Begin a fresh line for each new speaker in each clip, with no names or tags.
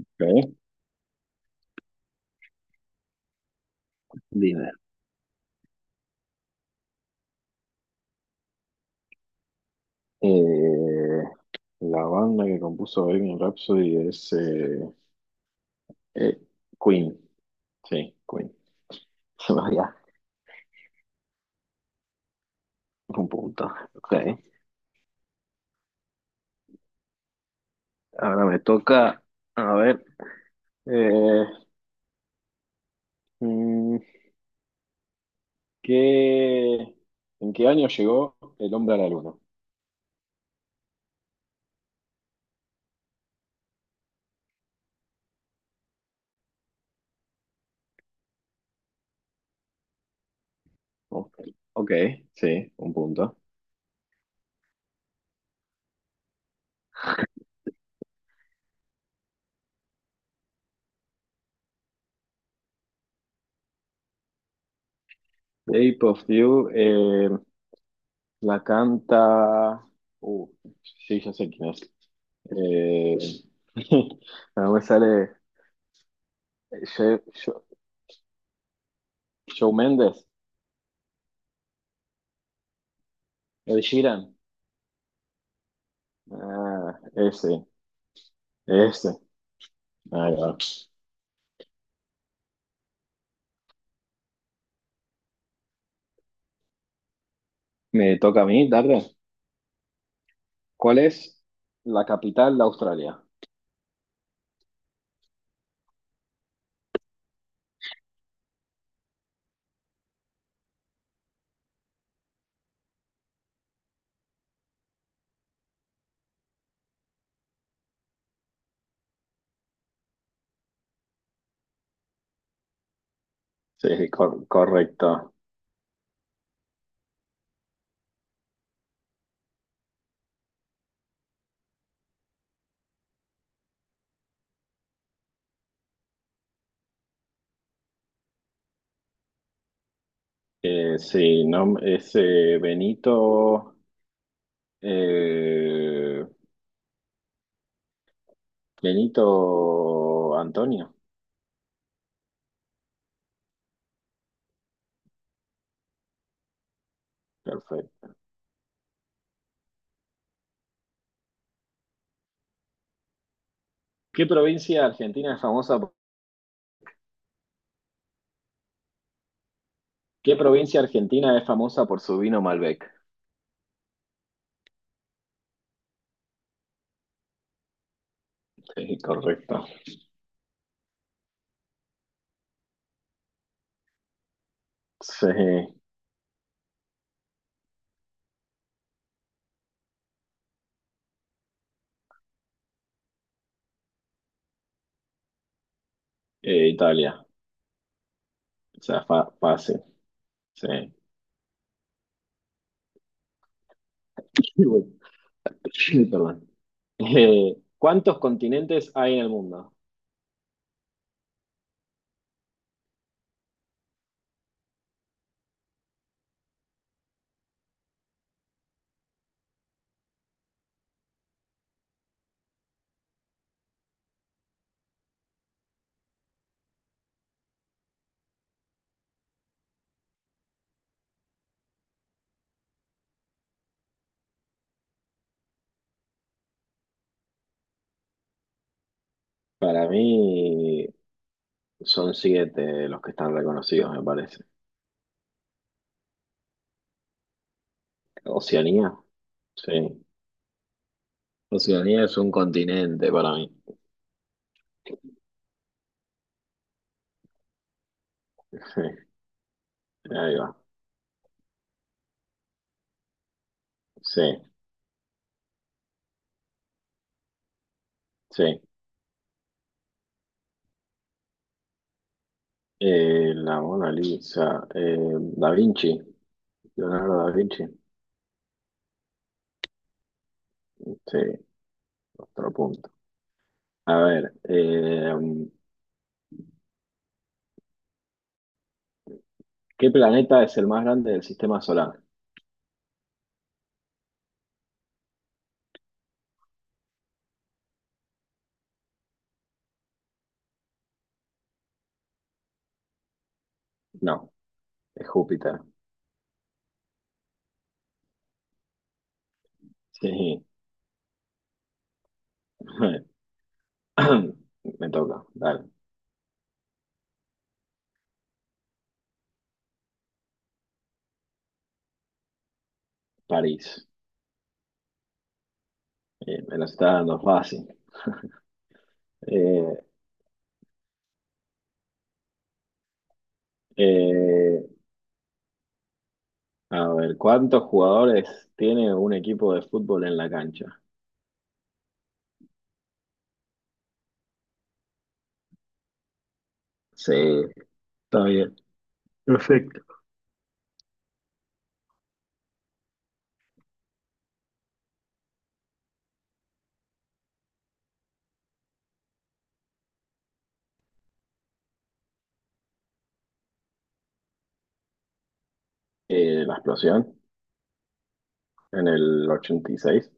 Ok. Dime. Eh, la banda que compuso Bohemian Rhapsody es eh, Queen. Sí, Queen. Se me había un punto. Ok. Ahora me toca, a ver, eh, mm, ¿qué, en qué año llegó el hombre a la luna? Ok, ok, sí, un punto. Shape of You la canta. Uh, sí, ya sé quién es. Eh, no me sale. eh, Sho- Sho- Shawn Mendes, Ed Sheeran. Ah, ese, ese. Ahí va. Me toca a mí, Darle. ¿Cuál es la capital de Australia? Sí, correcto. Sí, no, es Benito. eh, Benito Antonio, perfecto. ¿Qué provincia argentina es famosa ¿qué provincia argentina es famosa por su vino Malbec? Sí, correcto. Sí, Italia. O sea, fácil. Sí. Bueno, perdón. ¿Cuántos continentes hay en el mundo? Para mí son siete los que están reconocidos, me parece. Oceanía, sí. Oceanía es un continente para mí. Ahí va. Sí, sí. La Mona Lisa, Da Vinci, Leonardo da Vinci. Sí, otro punto. A ver, ¿qué planeta es el más grande del sistema solar? No, es Júpiter. Sí. Me toca, dale. París. Me lo está dando fácil. Eh, eh, a ver, ¿cuántos jugadores tiene un equipo de fútbol en la cancha? Sí, está bien. Perfecto. La explosión en el 86.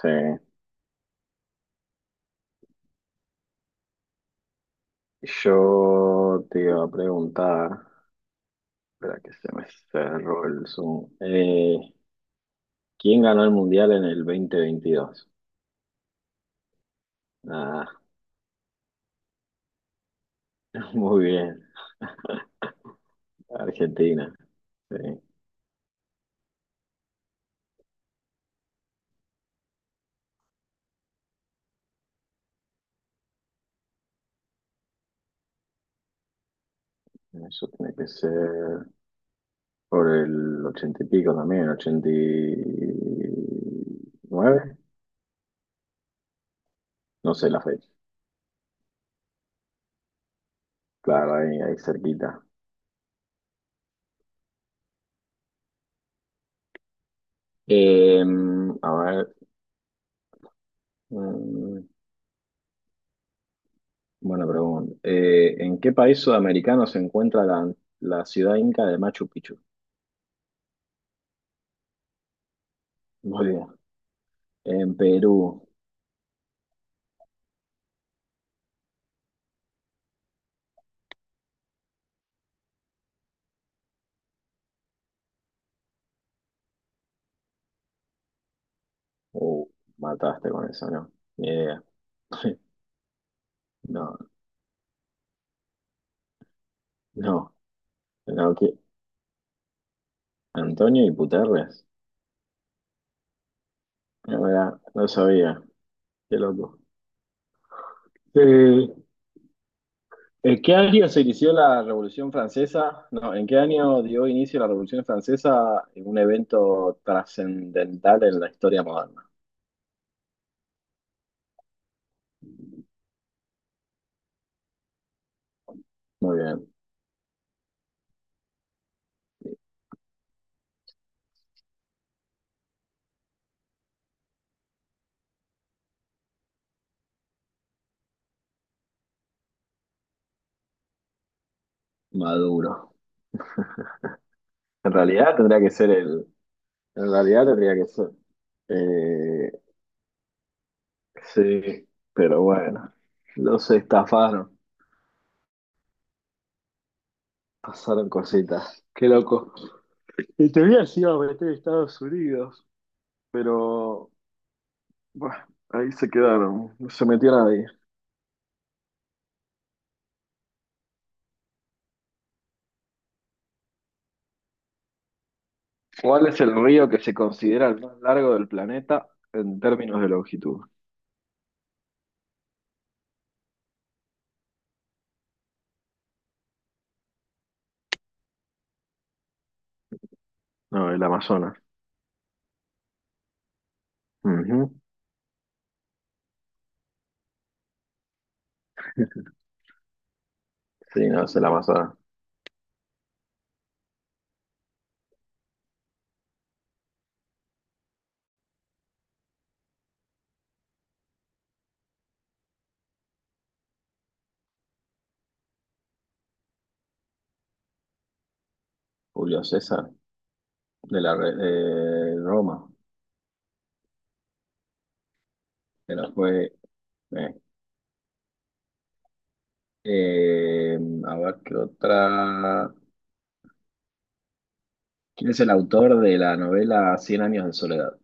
Sí. Yo te iba a preguntar, espera que se me cerró el Zoom. ¿Quién ganó el Mundial en el 2022? Ah, muy bien. Argentina. Sí. Eso tiene que ser por el ochenta y pico también, el 89. No sé la fecha. Claro, ahí, ahí cerquita. Eh, a ver. mm, Buena pregunta. ¿En qué país sudamericano se encuentra la ciudad inca de Machu Picchu? Muy bien. En Perú. Uh, Mataste con eso, ¿no? Ni idea. No, no. No, ¿qué? Antonio y Puterres. La verdad, no sabía. Qué loco. Eh, ¿En qué año se inició la Revolución Francesa? No, ¿en qué año dio inicio la Revolución Francesa en un evento trascendental en la historia moderna? Muy bien. Maduro. En realidad tendría que ser el, En realidad tendría que ser. Eh, sí, pero bueno, los estafaron, pasaron cositas. Qué loco. En teoría se iba a meter a Estados Unidos, pero bueno, ahí se quedaron, no se metió nadie. ¿Cuál es el río que se considera el más largo del planeta en términos de longitud? No, el Amazonas. Ujú. Sí, no, es el Amazonas. Julio César, de Roma, pero fue... eh, Eh, a ver qué otra. ¿Quién es el autor de la novela Cien años de soledad?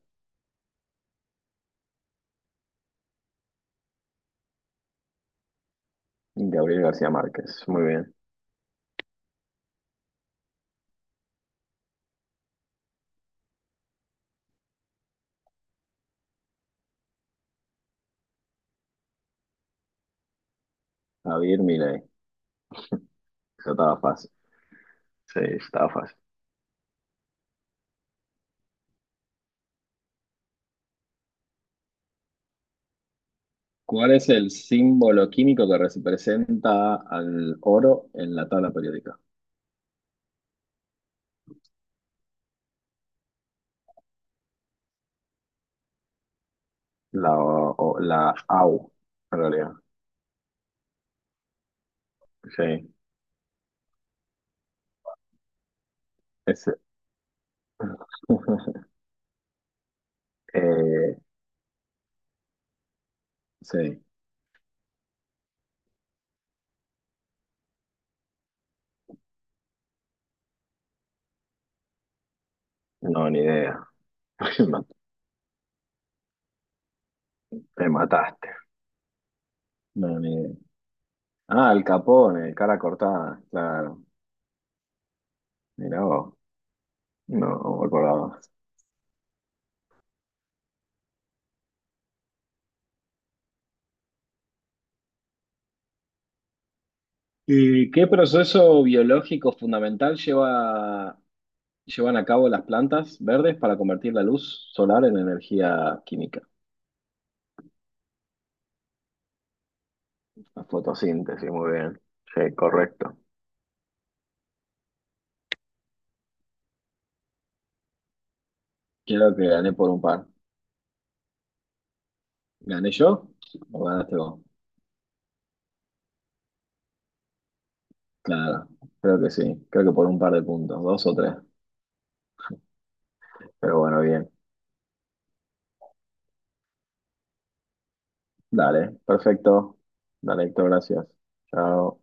Gabriel García Márquez. Muy bien. Javier Milei. Eso estaba fácil. Sí, estaba fácil. ¿Cuál es el símbolo químico que representa al oro en la tabla periódica? La AU, en realidad. Sí, ese. Eh, sí, no, ni idea. Me mataste. No, ni idea. Ah, el Capone, cara cortada, claro. Mirá vos, no me acordaba. ¿Y qué proceso biológico fundamental llevan a cabo las plantas verdes para convertir la luz solar en energía química? La fotosíntesis, muy bien. Sí, correcto. Creo que gané por un par. ¿Gané yo o ganaste vos? Claro, creo que sí. Creo que por un par de puntos, dos o tres. Pero bueno, bien. Dale, perfecto. Dale, Héctor, gracias. Chao.